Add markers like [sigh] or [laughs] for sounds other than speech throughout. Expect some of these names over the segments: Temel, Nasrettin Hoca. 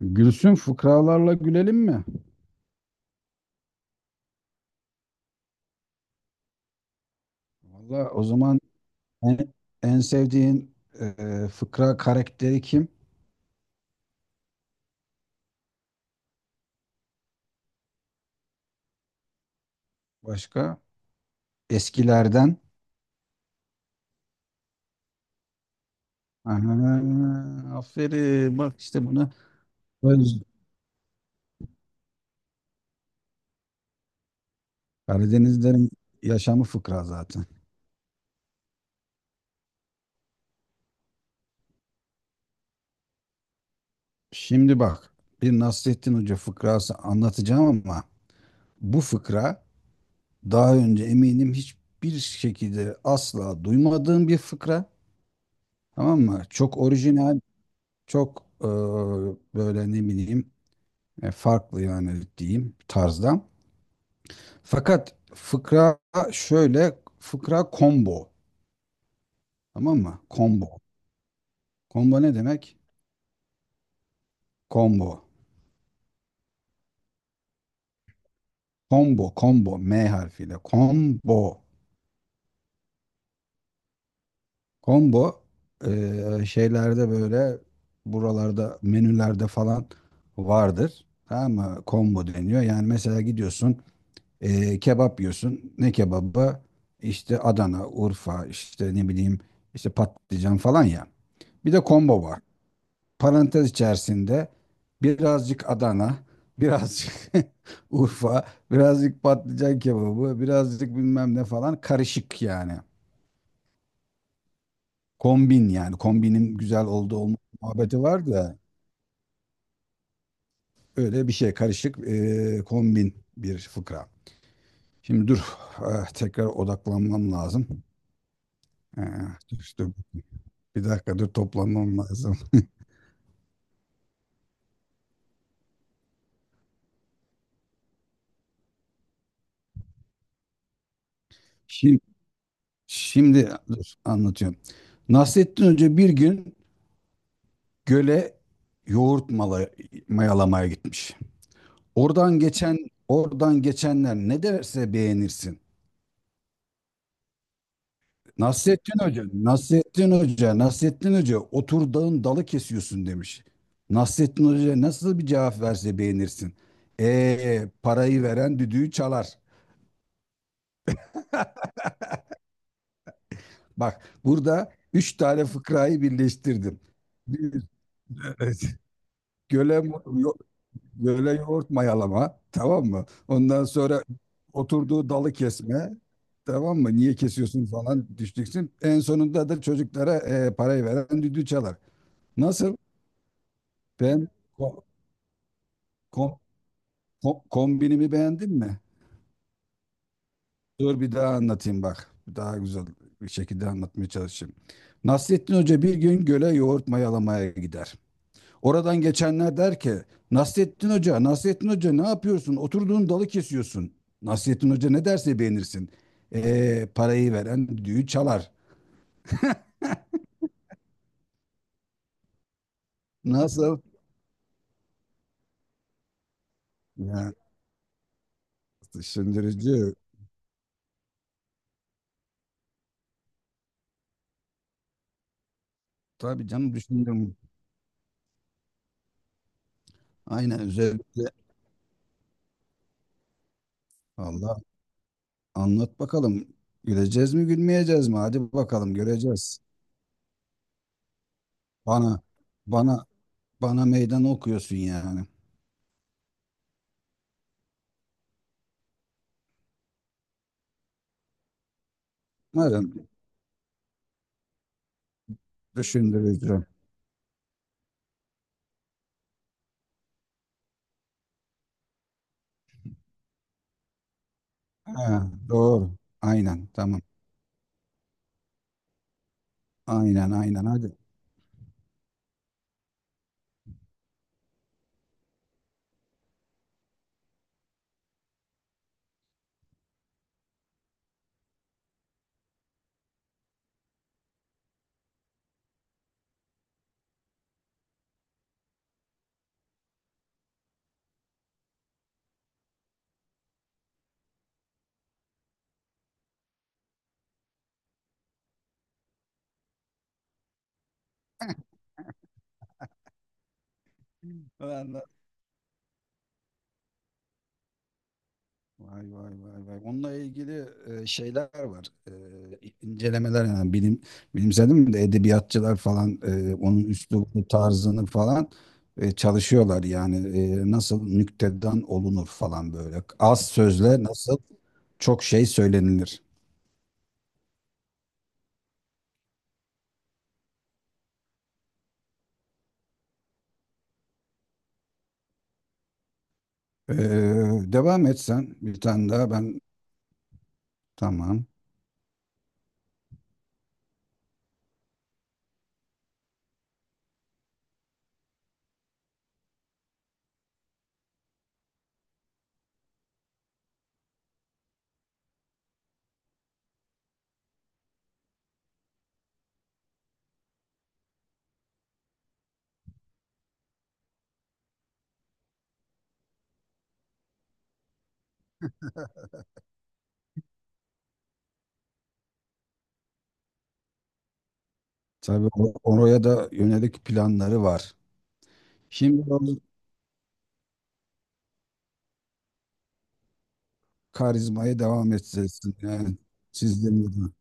Gülsün, fıkralarla gülelim mi? Valla o zaman en, en sevdiğin e, fıkra karakteri kim? Başka? Eskilerden. Aha, aferin bak işte bunu. Öz- Karadenizlerin yaşamı fıkra zaten. Şimdi bak, bir Nasrettin Hoca fıkrası anlatacağım ama bu fıkra daha önce eminim hiçbir şekilde asla duymadığım bir fıkra. Tamam mı? Çok orijinal. Çok böyle ne bileyim, farklı yani diyeyim tarzda. Fakat fıkra şöyle, fıkra combo, tamam mı? Combo. Combo ne demek? Combo. Combo, combo M harfiyle. Combo. Combo şeylerde böyle, buralarda, menülerde falan vardır. Tamam mı? Combo deniyor. Yani mesela gidiyorsun. E, kebap yiyorsun. Ne kebabı? İşte Adana, Urfa, işte ne bileyim, işte patlıcan falan ya. Bir de combo var. Parantez içerisinde birazcık Adana, birazcık [laughs] Urfa, birazcık patlıcan kebabı, birazcık bilmem ne falan, karışık yani. Kombin yani, kombinin güzel olduğu olma muhabbeti var da, öyle bir şey, karışık kombin bir fıkra. Şimdi dur [laughs] ah, tekrar odaklanmam lazım. Ah, dur. Bir dakika dur, toplanmam lazım. Şimdi, şimdi dur, anlatıyorum. Nasrettin Hoca bir gün göle yoğurt mayalamaya gitmiş. Oradan geçen Oradan geçenler ne derse beğenirsin. Nasrettin Hoca, otur dağın dalı kesiyorsun demiş. Nasrettin Hoca nasıl bir cevap verse beğenirsin. Parayı veren düdüğü çalar. [laughs] Bak, burada üç tane fıkrayı birleştirdim. Evet. Göle, yo- Göle yoğurt mayalama, tamam mı? Ondan sonra oturduğu dalı kesme, tamam mı? Niye kesiyorsun falan düştüksün. En sonunda da çocuklara parayı veren düdüğü çalar. Nasıl? Ben ko- ko- kombinimi beğendin mi? Dur bir daha anlatayım bak. Daha güzel bir şekilde anlatmaya çalışayım. Nasrettin Hoca bir gün göle yoğurt mayalamaya gider. Oradan geçenler der ki Nasrettin Hoca, Nasrettin Hoca ne yapıyorsun? Oturduğun dalı kesiyorsun. Nasrettin Hoca ne derse beğenirsin. Parayı veren düğü çalar. Nasıl? Ya, düşündürücü. Tabii canım, düşündüm. Aynen, özellikle. Allah, anlat bakalım. Güleceğiz mi gülmeyeceğiz mi? Hadi bakalım, göreceğiz. Bana bana bana meydan okuyorsun yani. Madem düşündürücü. Ha, doğru. Aynen tamam. Aynen hadi. Ben de- Vay vay vay vay. Onunla ilgili şeyler var. İncelemeler yani bilimsel değil mi de, edebiyatçılar falan onun üslubunu, tarzını falan çalışıyorlar. Yani nasıl nüktedan olunur falan böyle. Az sözle nasıl çok şey söylenilir. E, Devam et sen, bir tane daha ben, tamam. Tabii o- oraya da yönelik planları var. Şimdi o karizmayı devam etsin. Yani sizden de.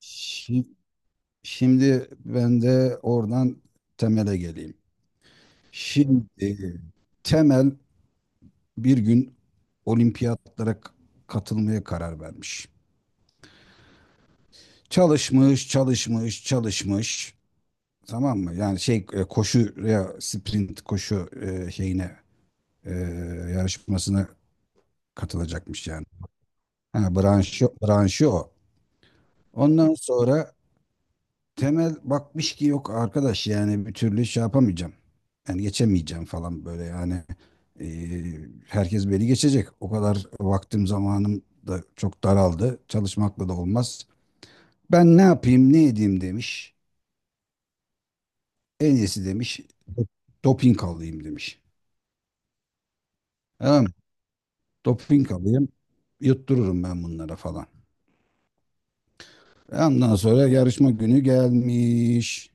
Şi- Şimdi ben de oradan temele geleyim. Şimdi Temel bir gün olimpiyatlara katılmaya karar vermiş. Çalışmış, çalışmış, çalışmış. Tamam mı? Yani şey, koşuya, sprint koşu şeyine, e, yarışmasına katılacakmış yani. Ha, branşı o. Ondan sonra Temel bakmış ki yok arkadaş, yani bir türlü şey yapamayacağım. Yani geçemeyeceğim falan böyle yani. E, Herkes beni geçecek. O kadar vaktim zamanım da çok daraldı. Çalışmakla da olmaz. Ben ne yapayım ne edeyim demiş. En iyisi demiş, doping alayım demiş. Tamam mı? Doping alayım, yuttururum ben bunlara falan. Ondan sonra yarışma günü gelmiş.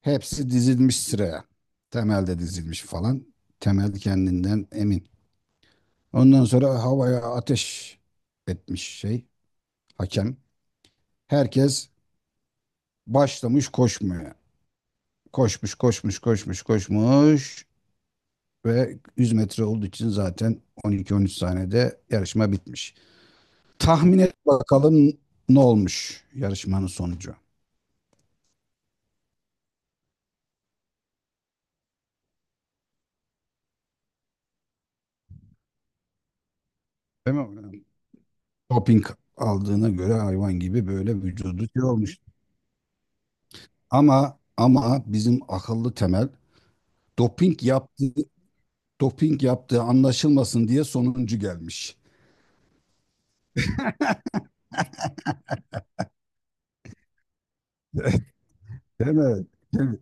Hepsi dizilmiş sıraya. Temel de dizilmiş falan. Temel kendinden emin. Ondan sonra havaya ateş etmiş şey, hakem. Herkes başlamış koşmaya. Koşmuş koşmuş koşmuş koşmuş ve 100 metre olduğu için zaten 12-13 saniyede yarışma bitmiş. Tahmin et bakalım, ne olmuş yarışmanın sonucu. Değil mi? Doping aldığına göre hayvan gibi böyle vücudu şey olmuş. Ama bizim akıllı Temel, doping yaptığı doping yaptığı anlaşılmasın diye sonuncu gelmiş. [laughs] Değil mi? Değil mi?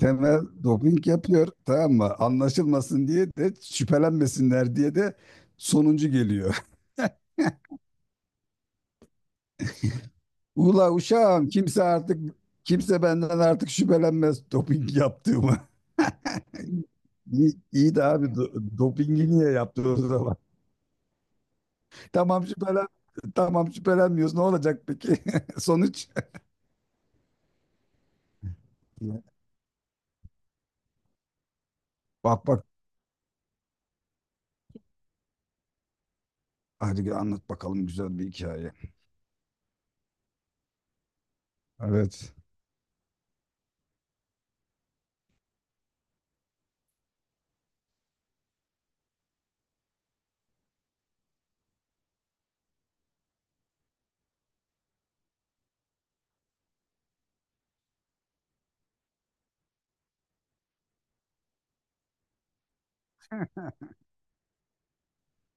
Temel doping yapıyor, tamam mı? Anlaşılmasın diye de, şüphelenmesinler diye de sonuncu geliyor. [laughs] Ula uşağım, kimse benden artık şüphelenmez doping yaptığımı. İyi de abi, dopingi niye yaptı o zaman? [laughs] Tamam şüphelen tamam şüphelenmiyoruz. Ne olacak peki? [laughs] Sonuç. Ya. Bak hadi gel, anlat bakalım güzel bir hikaye. Evet.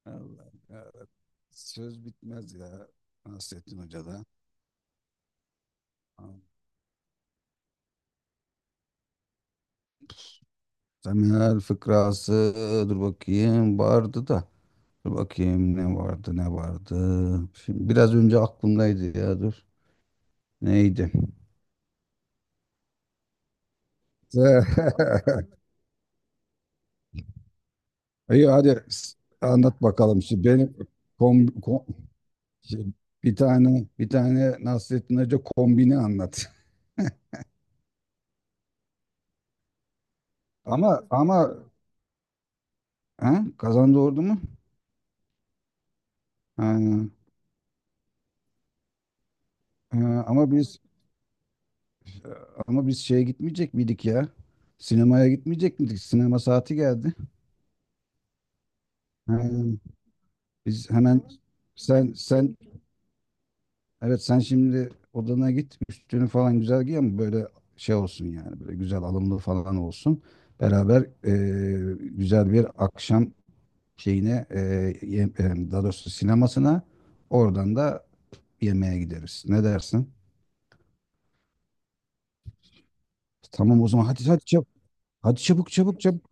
Allah Allah. Söz bitmez ya Nasrettin Hoca'da. Temel fıkrası, dur bakayım vardı da. Dur bakayım ne vardı ne vardı. Şimdi biraz önce aklımdaydı ya, dur. Neydi? [laughs] İyi hadi, s- anlat bakalım. Şimdi benim kom, kom- şey, bir tane Nasrettin Hoca kombini anlat. [laughs] Ama ha, kazandı ordu mu? Ha, ha, ama biz ama biz şeye gitmeyecek miydik ya? Sinemaya gitmeyecek miydik? Sinema saati geldi. Ha, biz hemen, sen Evet sen şimdi odana git, üstünü falan güzel giy ama böyle şey olsun yani, böyle güzel alımlı falan olsun. Beraber güzel bir akşam şeyine daha doğrusu sinemasına, oradan da yemeğe gideriz. Ne dersin? Tamam o zaman, hadi çabuk. Hadi çabuk çabuk.